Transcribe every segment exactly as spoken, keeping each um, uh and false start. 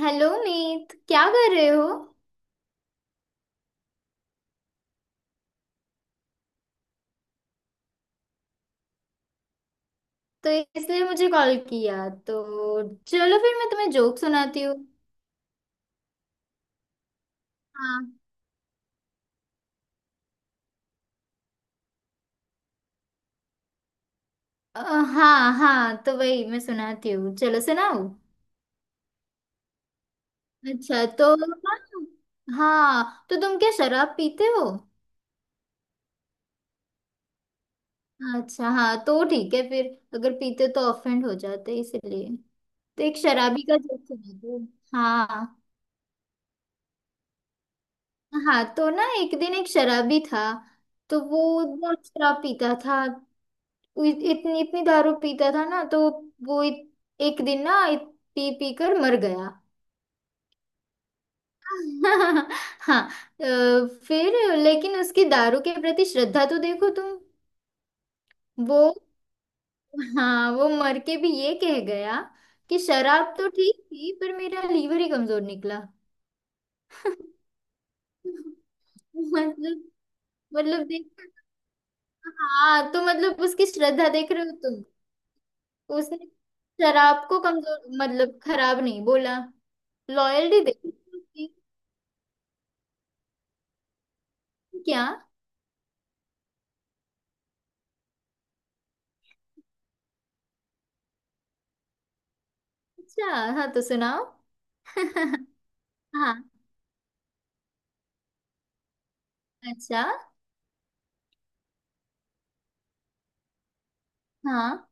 Hello Meet, क्या कर रहे हो। तो इसलिए मुझे कॉल किया तो चलो फिर मैं तुम्हें जोक सुनाती हूँ। हाँ। अ, हाँ हाँ, तो वही मैं सुनाती हूँ, चलो सुनाओ। अच्छा तो हाँ, तो तुम क्या शराब पीते हो। अच्छा हाँ, तो ठीक है फिर। अगर पीते तो ऑफेंड हो जाते इसलिए तो एक शराबी का जोक सुनाती हूँ। हाँ। हाँ तो ना, एक दिन एक शराबी था। तो वो बहुत शराब पीता था। उ- इतनी इतनी दारू पीता था ना, तो वो इत, एक दिन ना इत, पी पी कर मर गया। हाँ। अ, फिर लेकिन उसकी दारू के प्रति श्रद्धा तो देखो तुम। वो हाँ, वो मर के भी ये कह गया कि शराब तो ठीक थी, पर मेरा लीवर ही कमजोर निकला। मतलब। मतलब देख। हाँ तो मतलब उसकी श्रद्धा देख रहे हो तुम। उसने शराब को कमजोर, मतलब खराब नहीं बोला। लॉयल्टी देख। क्या। अच्छा हाँ, तो सुनाओ। हाँ। अच्छा। हाँ।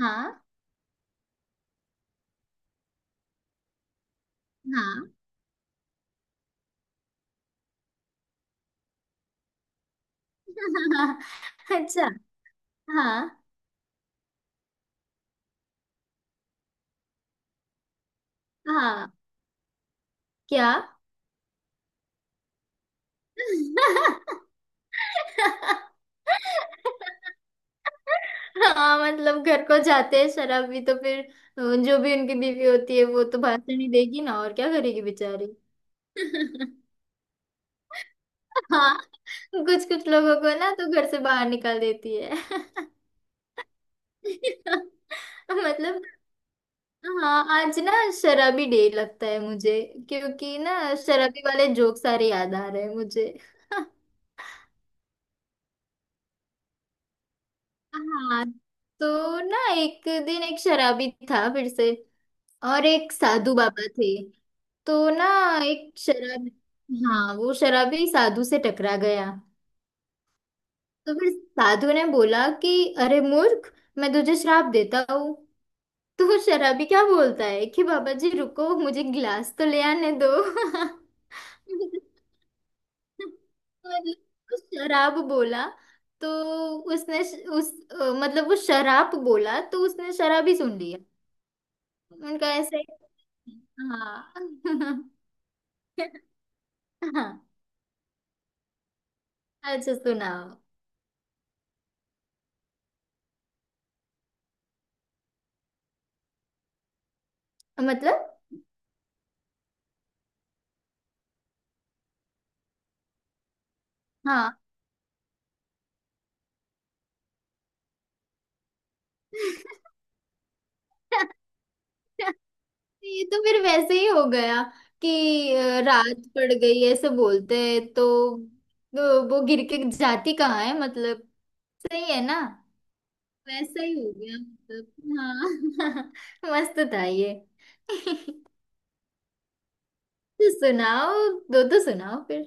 हाँ। हाँ। अच्छा। हाँ। हाँ। क्या। हाँ, मतलब घर को जाते हैं शराब भी, तो फिर अ, जो भी उनकी बीवी होती है वो तो भाषण ही देगी ना, और क्या करेगी बेचारी। हाँ। कुछ कुछ लोगों को ना तो घर से बाहर निकाल देती है। मतलब हाँ, आज ना शराबी डे लगता है मुझे, क्योंकि ना शराबी वाले जोक सारे याद आ रहे हैं मुझे। हाँ, तो ना एक दिन एक शराबी था फिर से, और एक साधु बाबा थे। तो ना एक शराब, हाँ वो शराबी साधु से टकरा गया। तो फिर साधु ने बोला कि अरे मूर्ख, मैं तुझे श्राप देता हूँ। तो वो शराबी क्या बोलता है कि बाबा जी रुको, मुझे गिलास तो ले आने दो। मतलब वो शराब बोला, तो उसने श- उस अ, मतलब वो शराब बोला तो उसने शराब ही सुन लिया। उनका ऐसा ही। हाँ। हाँ, अच्छा सुनाओ। मतलब हाँ। ये तो फिर वैसे ही हो गया कि अ, रात पड़ गई ऐसे बोलते हैं, तो तो वो गिर के जाती कहाँ है मतलब। सही है ना। वैसा ही हो गया मतलब हाँ। मस्त था ये। तो सुनाओ, दो तो सुनाओ फिर।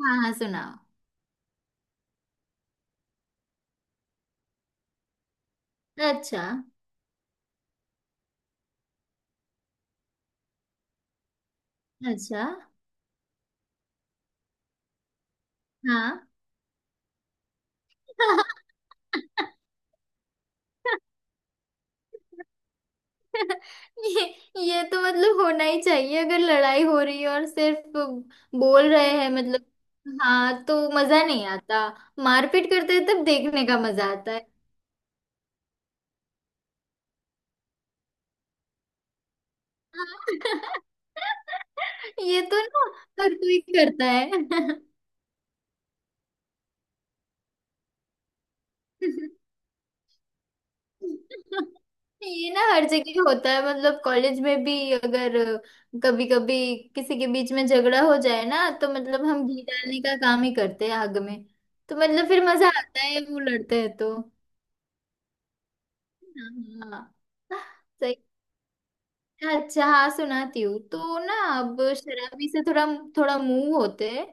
हाँ हाँ सुनाओ। अच्छा। अच्छा हाँ। ये ये तो मतलब होना ही चाहिए अगर लड़ाई हो रही है और सिर्फ बोल रहे हैं मतलब। हाँ तो मजा नहीं आता। मारपीट करते हैं तब देखने का मजा आता है। ये तो ना हर कोई करता है। ये ना हर जगह होता है मतलब, कॉलेज में भी अगर कभी कभी किसी के बीच में झगड़ा हो जाए ना, तो मतलब हम घी डालने का काम ही करते हैं आग में। तो मतलब फिर मजा आता है वो लड़ते हैं तो। हाँ। सही। अच्छा हाँ, सुनाती हूँ तो ना, अब शराबी से थोड़ा थोड़ा मुंह होते हैं।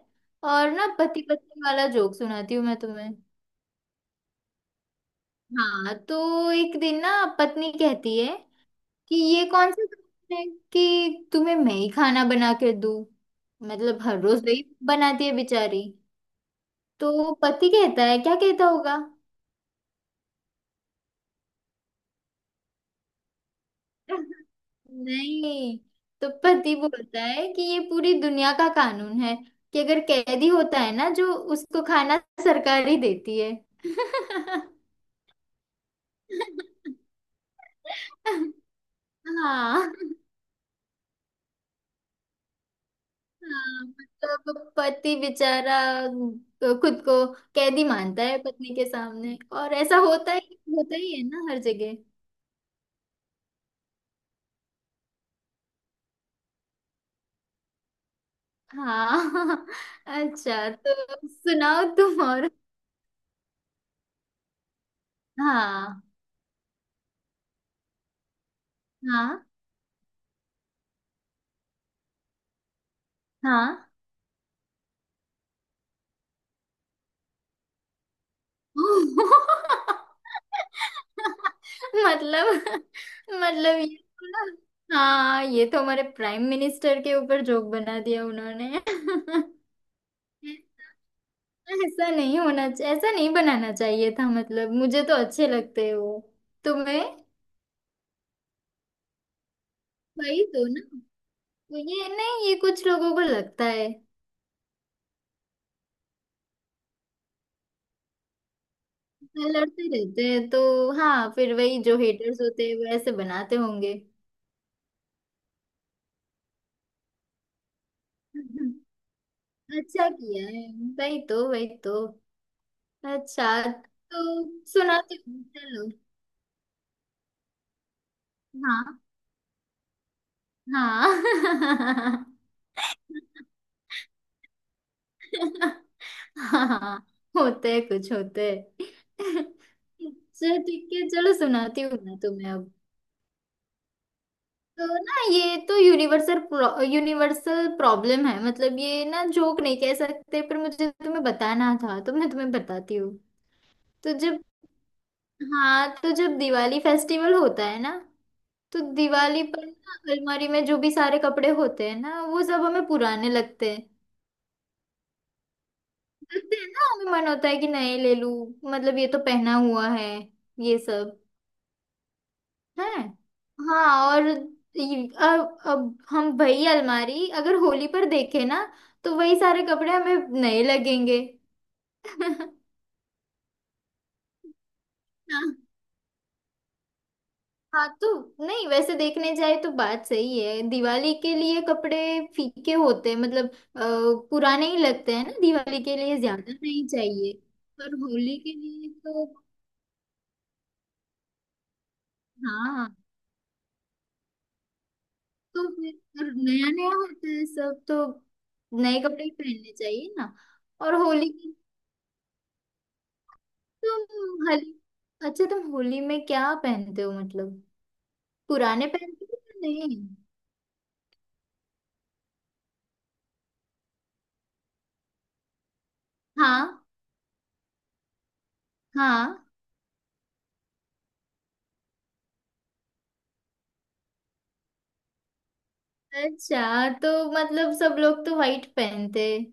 और ना पति पत्नी वाला जोक सुनाती हूँ मैं तुम्हें। हाँ, तो एक दिन ना पत्नी कहती है कि ये कौन सा काम है कि तुम्हें मैं ही खाना बना के दूं। मतलब हर रोज वही बनाती है बेचारी। तो पति कहता है, क्या कहता होगा। नहीं, तो पति बोलता है कि ये पूरी दुनिया का कानून है कि अगर कैदी होता है ना, जो उसको खाना सरकार ही देती है। हाँ। हाँ, मतलब पति बेचारा खुद को कैदी मानता है पत्नी के सामने, और ऐसा होता ही होता ही है ना हर जगह। हाँ। अच्छा, तो सुनाओ तुम और। हाँ। हाँ। हाँ। मतलब। मतलब ये तो ना हाँ, ये तो हमारे प्राइम मिनिस्टर के ऊपर जोक बना दिया उन्होंने। ऐसा ऐसा नहीं होना चाहिए, ऐसा नहीं बनाना चाहिए था, मतलब मुझे तो अच्छे लगते हैं वो। तुम्हें वही तो ना। तो ये नहीं, ये कुछ लोगों को लगता है। लड़ते रहते हैं तो हाँ, फिर वही जो हेटर्स होते हैं वो ऐसे बनाते होंगे। अच्छा किया है। वही तो, वही तो। अच्छा। तो सुना तो चलो। हाँ। हाँ। हाँ, होते हैं कुछ होते हैं। अच्छा ठीक है, चलो सुनाती हूँ ना तुम्हें अब। तो ना, ये तो यूनिवर्सल यूनिवर्सल प्रॉब्लम है, मतलब ये ना जोक नहीं कह सकते, पर मुझे तुम्हें बताना था तो मैं तुम्हें बताती हूँ। तो जब हाँ, तो जब दिवाली फेस्टिवल होता है ना, तो दिवाली पर ना अलमारी में जो भी सारे कपड़े होते हैं ना वो सब हमें पुराने लगते हैं। लगते हैं ना, हमें मन होता है कि नए ले लूं, मतलब ये तो पहना हुआ है ये सब है। हाँ और ये- अब अब हम वही अलमारी अगर होली पर देखें ना, तो वही सारे कपड़े हमें नए लगेंगे। हाँ तो नहीं, वैसे देखने जाए तो बात सही है, दिवाली के लिए कपड़े फीके होते हैं मतलब, अ, पुराने ही लगते हैं ना, दिवाली के लिए ज्यादा नहीं चाहिए। पर होली के लिए तो हाँ। हाँ तो फिर नया नया होता है सब, तो नए कपड़े ही पहनने चाहिए ना। और होली की तुम होली, अच्छा तुम होली में क्या पहनते हो मतलब, पुराने पहनते हो या नहीं। हाँ। हाँ, अच्छा तो मतलब सब लोग तो व्हाइट पहनते हैं।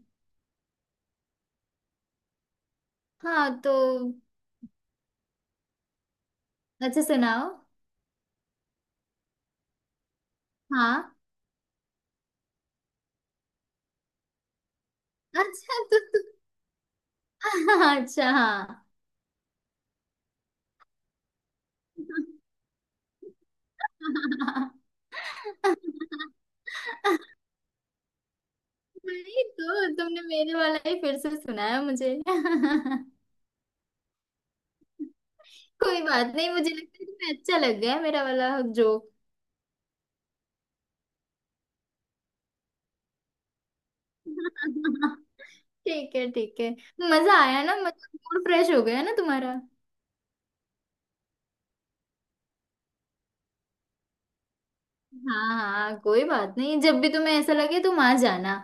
हाँ तो अच्छा सुनाओ। हाँ। अच्छा तो तो- अच्छा हाँ, नहीं तो तुमने मेरे वाला ही फिर से सुनाया मुझे। कोई बात नहीं, मुझे लगता है तुम्हें अच्छा लग गया मेरा वाला जोक। ठीक है ठीक है। मजा आया ना, मतलब मूड फ्रेश हो गया ना तुम्हारा। हाँ हाँ कोई बात नहीं, जब भी तुम्हें ऐसा लगे तुम आ जाना।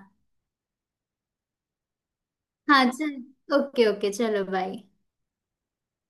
हाँ चल, ओके ओके, चलो बाय।